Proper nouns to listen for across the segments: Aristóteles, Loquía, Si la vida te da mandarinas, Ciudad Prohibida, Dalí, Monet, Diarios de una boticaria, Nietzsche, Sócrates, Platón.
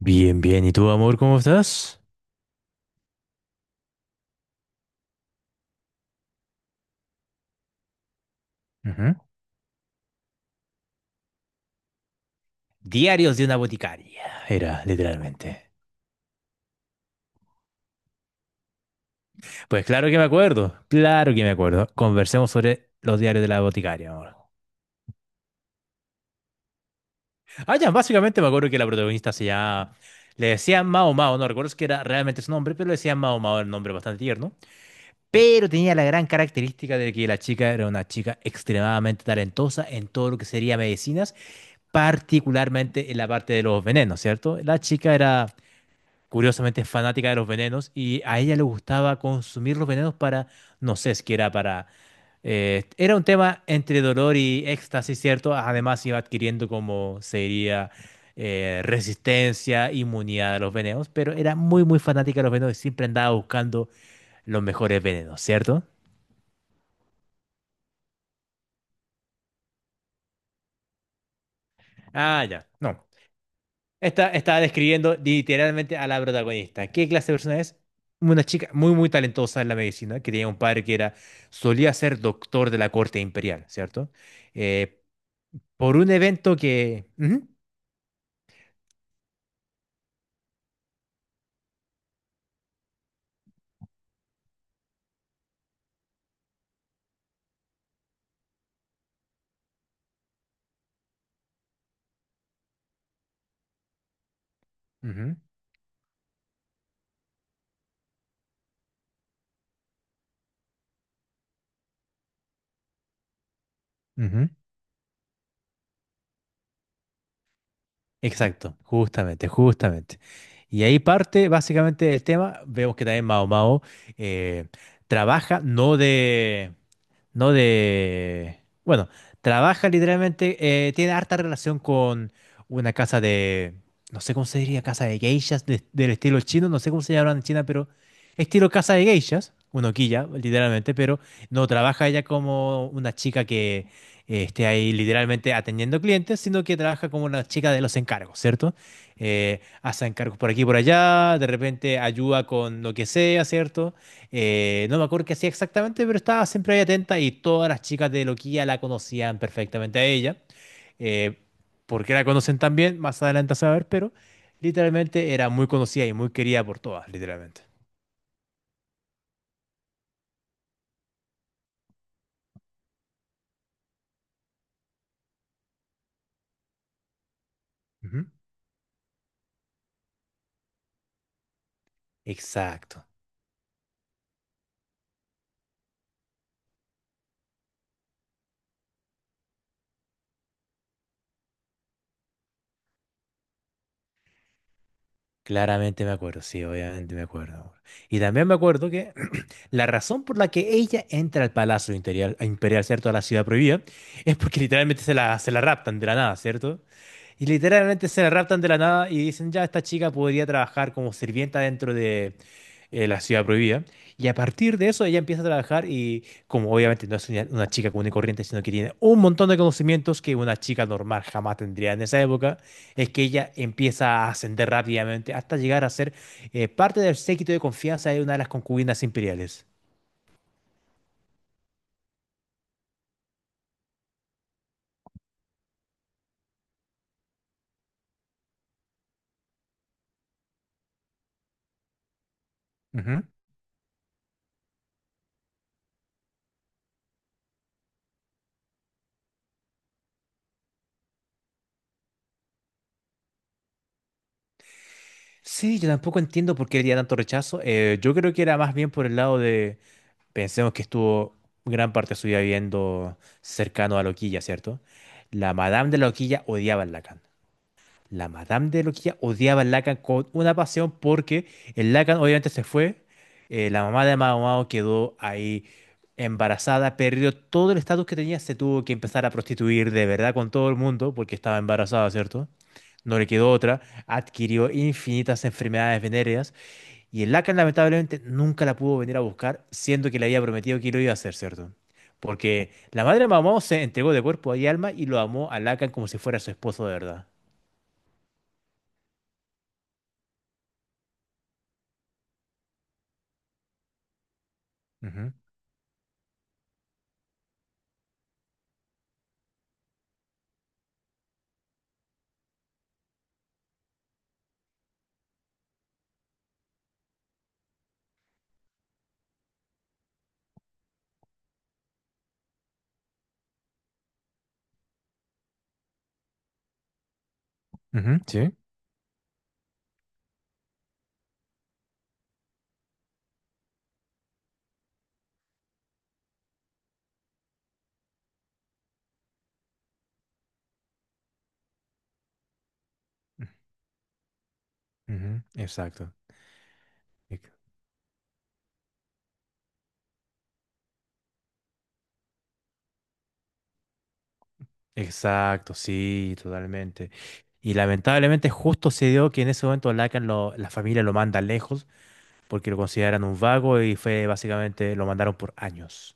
Bien, bien. ¿Y tú, amor, cómo estás? Ujú. Diarios de una boticaria, era literalmente. Pues claro que me acuerdo, claro que me acuerdo. Conversemos sobre los diarios de la boticaria, amor. Ah, ya, básicamente me acuerdo que la protagonista se llama... Le decían Mao Mao, no recuerdo si era realmente su nombre, pero le decían Mao Mao, era un nombre bastante tierno. Pero tenía la gran característica de que la chica era una chica extremadamente talentosa en todo lo que sería medicinas, particularmente en la parte de los venenos, ¿cierto? La chica era... curiosamente es fanática de los venenos y a ella le gustaba consumir los venenos para, no sé, es que era para... era un tema entre dolor y éxtasis, ¿cierto? Además iba adquiriendo como sería resistencia, inmunidad a los venenos, pero era muy, muy fanática de los venenos y siempre andaba buscando los mejores venenos, ¿cierto? Ah, ya, no. Estaba describiendo literalmente a la protagonista. ¿Qué clase de persona es? Una chica muy, muy talentosa en la medicina, que tenía un padre que era, solía ser doctor de la corte imperial, ¿cierto? Eh, por un evento que... Ujú, ujú, ujú. Exacto, justamente, justamente. Y ahí parte básicamente el tema. Vemos que también Mao Mao eh, trabaja no de, no de, bueno, trabaja literalmente, tiene harta relación con una casa de, no sé cómo se diría, casa de geishas de- del estilo chino, no sé cómo se llaman en China, pero estilo casa de geishas, una quilla, literalmente, pero no trabaja ella como una chica que esté ahí literalmente atendiendo clientes, sino que trabaja como una chica de los encargos, ¿cierto? Hace encargos por aquí y por allá, de repente ayuda con lo que sea, ¿cierto? No me acuerdo qué hacía exactamente, pero estaba siempre ahí atenta y todas las chicas de Loquía la conocían perfectamente a ella. Eh, ¿Por qué la conocen tan bien? Más adelante a saber, pero literalmente era muy conocida y muy querida por todas, literalmente. Ujú. Exacto. Claramente me acuerdo, sí, obviamente me acuerdo. Y también me acuerdo que la razón por la que ella entra al Palacio Imperial, Imperial, ¿cierto? A la Ciudad Prohibida, es porque literalmente se la raptan de la nada, ¿cierto? Y literalmente se la raptan de la nada y dicen, ya, esta chica podría trabajar como sirvienta dentro de la Ciudad Prohibida. Y a partir de eso ella empieza a trabajar y como obviamente no es una chica común y corriente, sino que tiene un montón de conocimientos que una chica normal jamás tendría en esa época es que ella empieza a ascender rápidamente hasta llegar a ser parte del séquito de confianza de una de las concubinas imperiales. Ujú. Sí, yo tampoco entiendo por qué había tanto rechazo. Yo creo que era más bien por el lado de, pensemos que estuvo gran parte de su vida viviendo cercano a la Loquilla, ¿cierto? La Madame de la Loquilla odiaba a Lacan. La Madame de Loquilla odiaba al Lacan con una pasión porque el Lacan obviamente se fue. La mamá de Mao Mao quedó ahí embarazada, perdió todo el estatus que tenía, se tuvo que empezar a prostituir de verdad con todo el mundo porque estaba embarazada, ¿cierto? No le quedó otra, adquirió infinitas enfermedades venéreas y el Lacan lamentablemente nunca la pudo venir a buscar, siendo que le había prometido que lo iba a hacer, ¿cierto? Porque la madre de Mao Mao se entregó de cuerpo y alma y lo amó a Lacan como si fuera su esposo de verdad. Ujú. Ujú, sí. Ujú, exacto. Ex- Exacto, sí, totalmente. Y lamentablemente justo se dio que en ese momento la familia lo manda lejos porque lo consideran un vago y fue básicamente lo mandaron por años.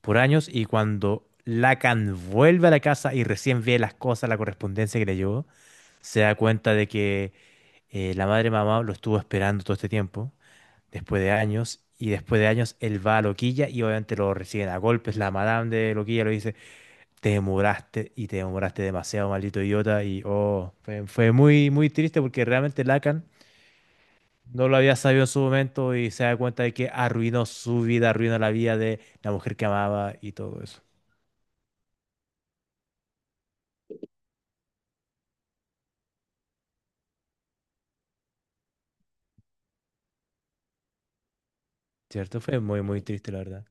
Por años y cuando Lacan vuelve a la casa y recién ve las cosas, la correspondencia que le llegó, se da cuenta de que la madre mamá lo estuvo esperando todo este tiempo, después de años. Y después de años él va a Loquilla y obviamente lo reciben a golpes. La madame de Loquilla lo dice, te demoraste y te demoraste demasiado, maldito idiota. Y oh, fue muy, muy triste porque realmente Lacan no lo había sabido en su momento y se da cuenta de que arruinó su vida, arruinó la vida de la mujer que amaba y todo eso. ¿Cierto? Fue muy, muy triste, la verdad.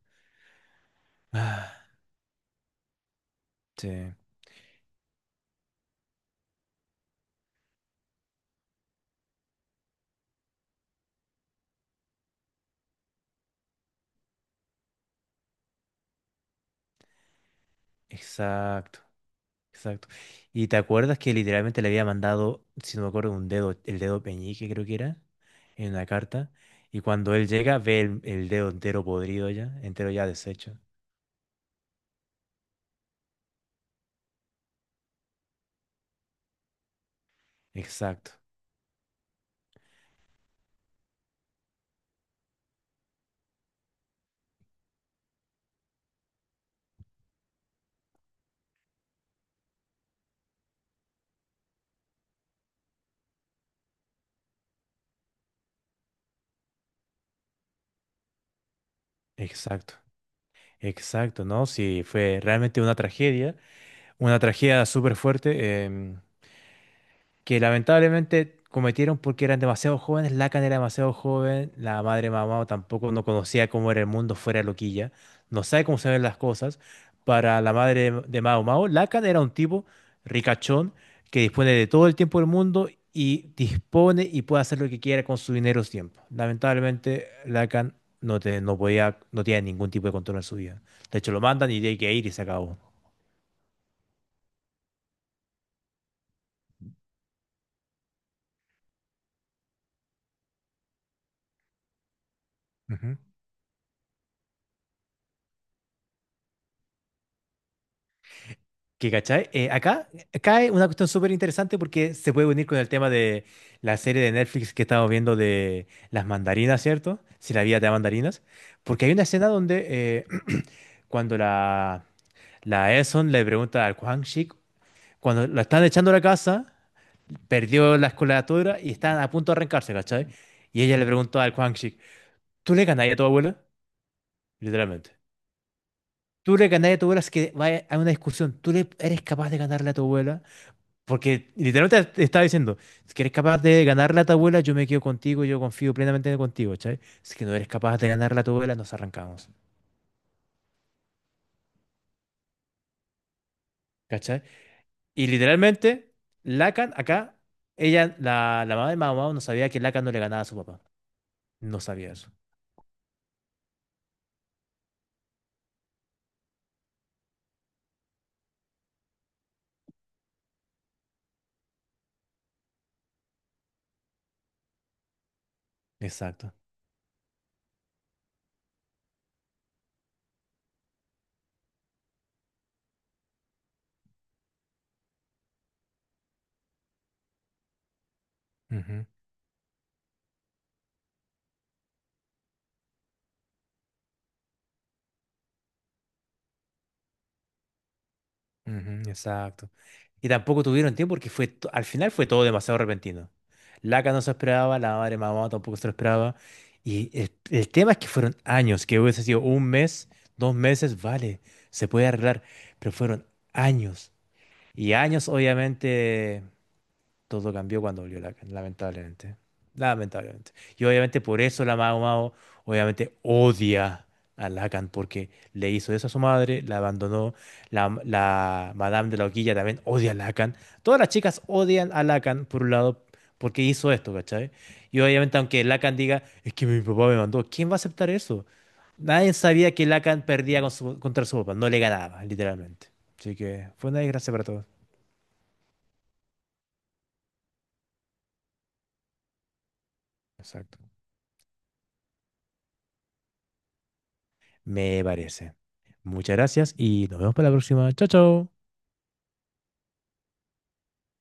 Ah, sí, exacto, exacto. ¿Y te acuerdas que literalmente le había mandado, si no me acuerdo, un dedo, el dedo peñique creo que era, en una carta? Y cuando él llega ve el dedo entero podrido ya, entero ya deshecho. Exacto. Exacto, exacto, ¿no? Sí, fue realmente una tragedia súper fuerte. Que lamentablemente cometieron porque eran demasiado jóvenes, Lacan era demasiado joven, la madre Mamao tampoco no conocía cómo era el mundo fuera de Loquilla, no sabe cómo se ven las cosas. Para la madre de Mao Mao, Lacan era un tipo ricachón que dispone de todo el tiempo del mundo y dispone y puede hacer lo que quiera con su dinero o su tiempo. Lamentablemente, Lacan no podía, no tenía ningún tipo de control en su vida. De hecho, lo mandan y tiene que ir y se acabó. Ujú. Que, ¿cachai? Acá cae una cuestión súper interesante porque se puede unir con el tema de la serie de Netflix que estamos viendo de las mandarinas, ¿cierto? Si la vida te da mandarinas. Porque hay una escena donde cuando la Eson le pregunta al Quang Shik, cuando lo están echando a la casa, perdió la escolatura y están a punto de arrancarse, ¿cachai? Y ella le preguntó al Quang Shik, ¿tú le ganarías a tu abuela? Literalmente. ¿Tú le ganarías a tu abuela? Es que vaya a una discusión. ¿Tú le eres capaz de ganarle a tu abuela? Porque literalmente te estaba diciendo, si eres capaz de ganarle a tu abuela, yo me quedo contigo, yo confío plenamente contigo, ¿cachai? Si que no eres capaz de ganarle a tu abuela, nos arrancamos, ¿cachai? Y literalmente, Lacan, acá, la mamá de Mao Mao no sabía que Lacan no le ganaba a su papá. No sabía eso. Exacto. Ujú, ujú, exacto. Y tampoco tuvieron tiempo porque al final fue todo demasiado repentino. Laca no se esperaba, la madre mamá tampoco se lo esperaba. Y el tema es que fueron años, que hubiese sido un mes, dos meses, vale, se puede arreglar, pero fueron años. Y años, obviamente. Todo cambió cuando volvió Lacan, lamentablemente. Lamentablemente. Y obviamente por eso la Mao Mao obviamente odia a Lacan porque le hizo eso a su madre, la abandonó. La Madame de la Hoquilla también odia a Lacan. Todas las chicas odian a Lacan, por un lado, porque hizo esto, ¿cachai? Y obviamente aunque Lacan diga, es que mi papá me mandó, ¿quién va a aceptar eso? Nadie sabía que Lacan perdía con su- contra su papá, no le ganaba, literalmente. Así que fue una desgracia para todos. Exacto. Me parece. Muchas gracias y nos vemos para la próxima. Chao, chao.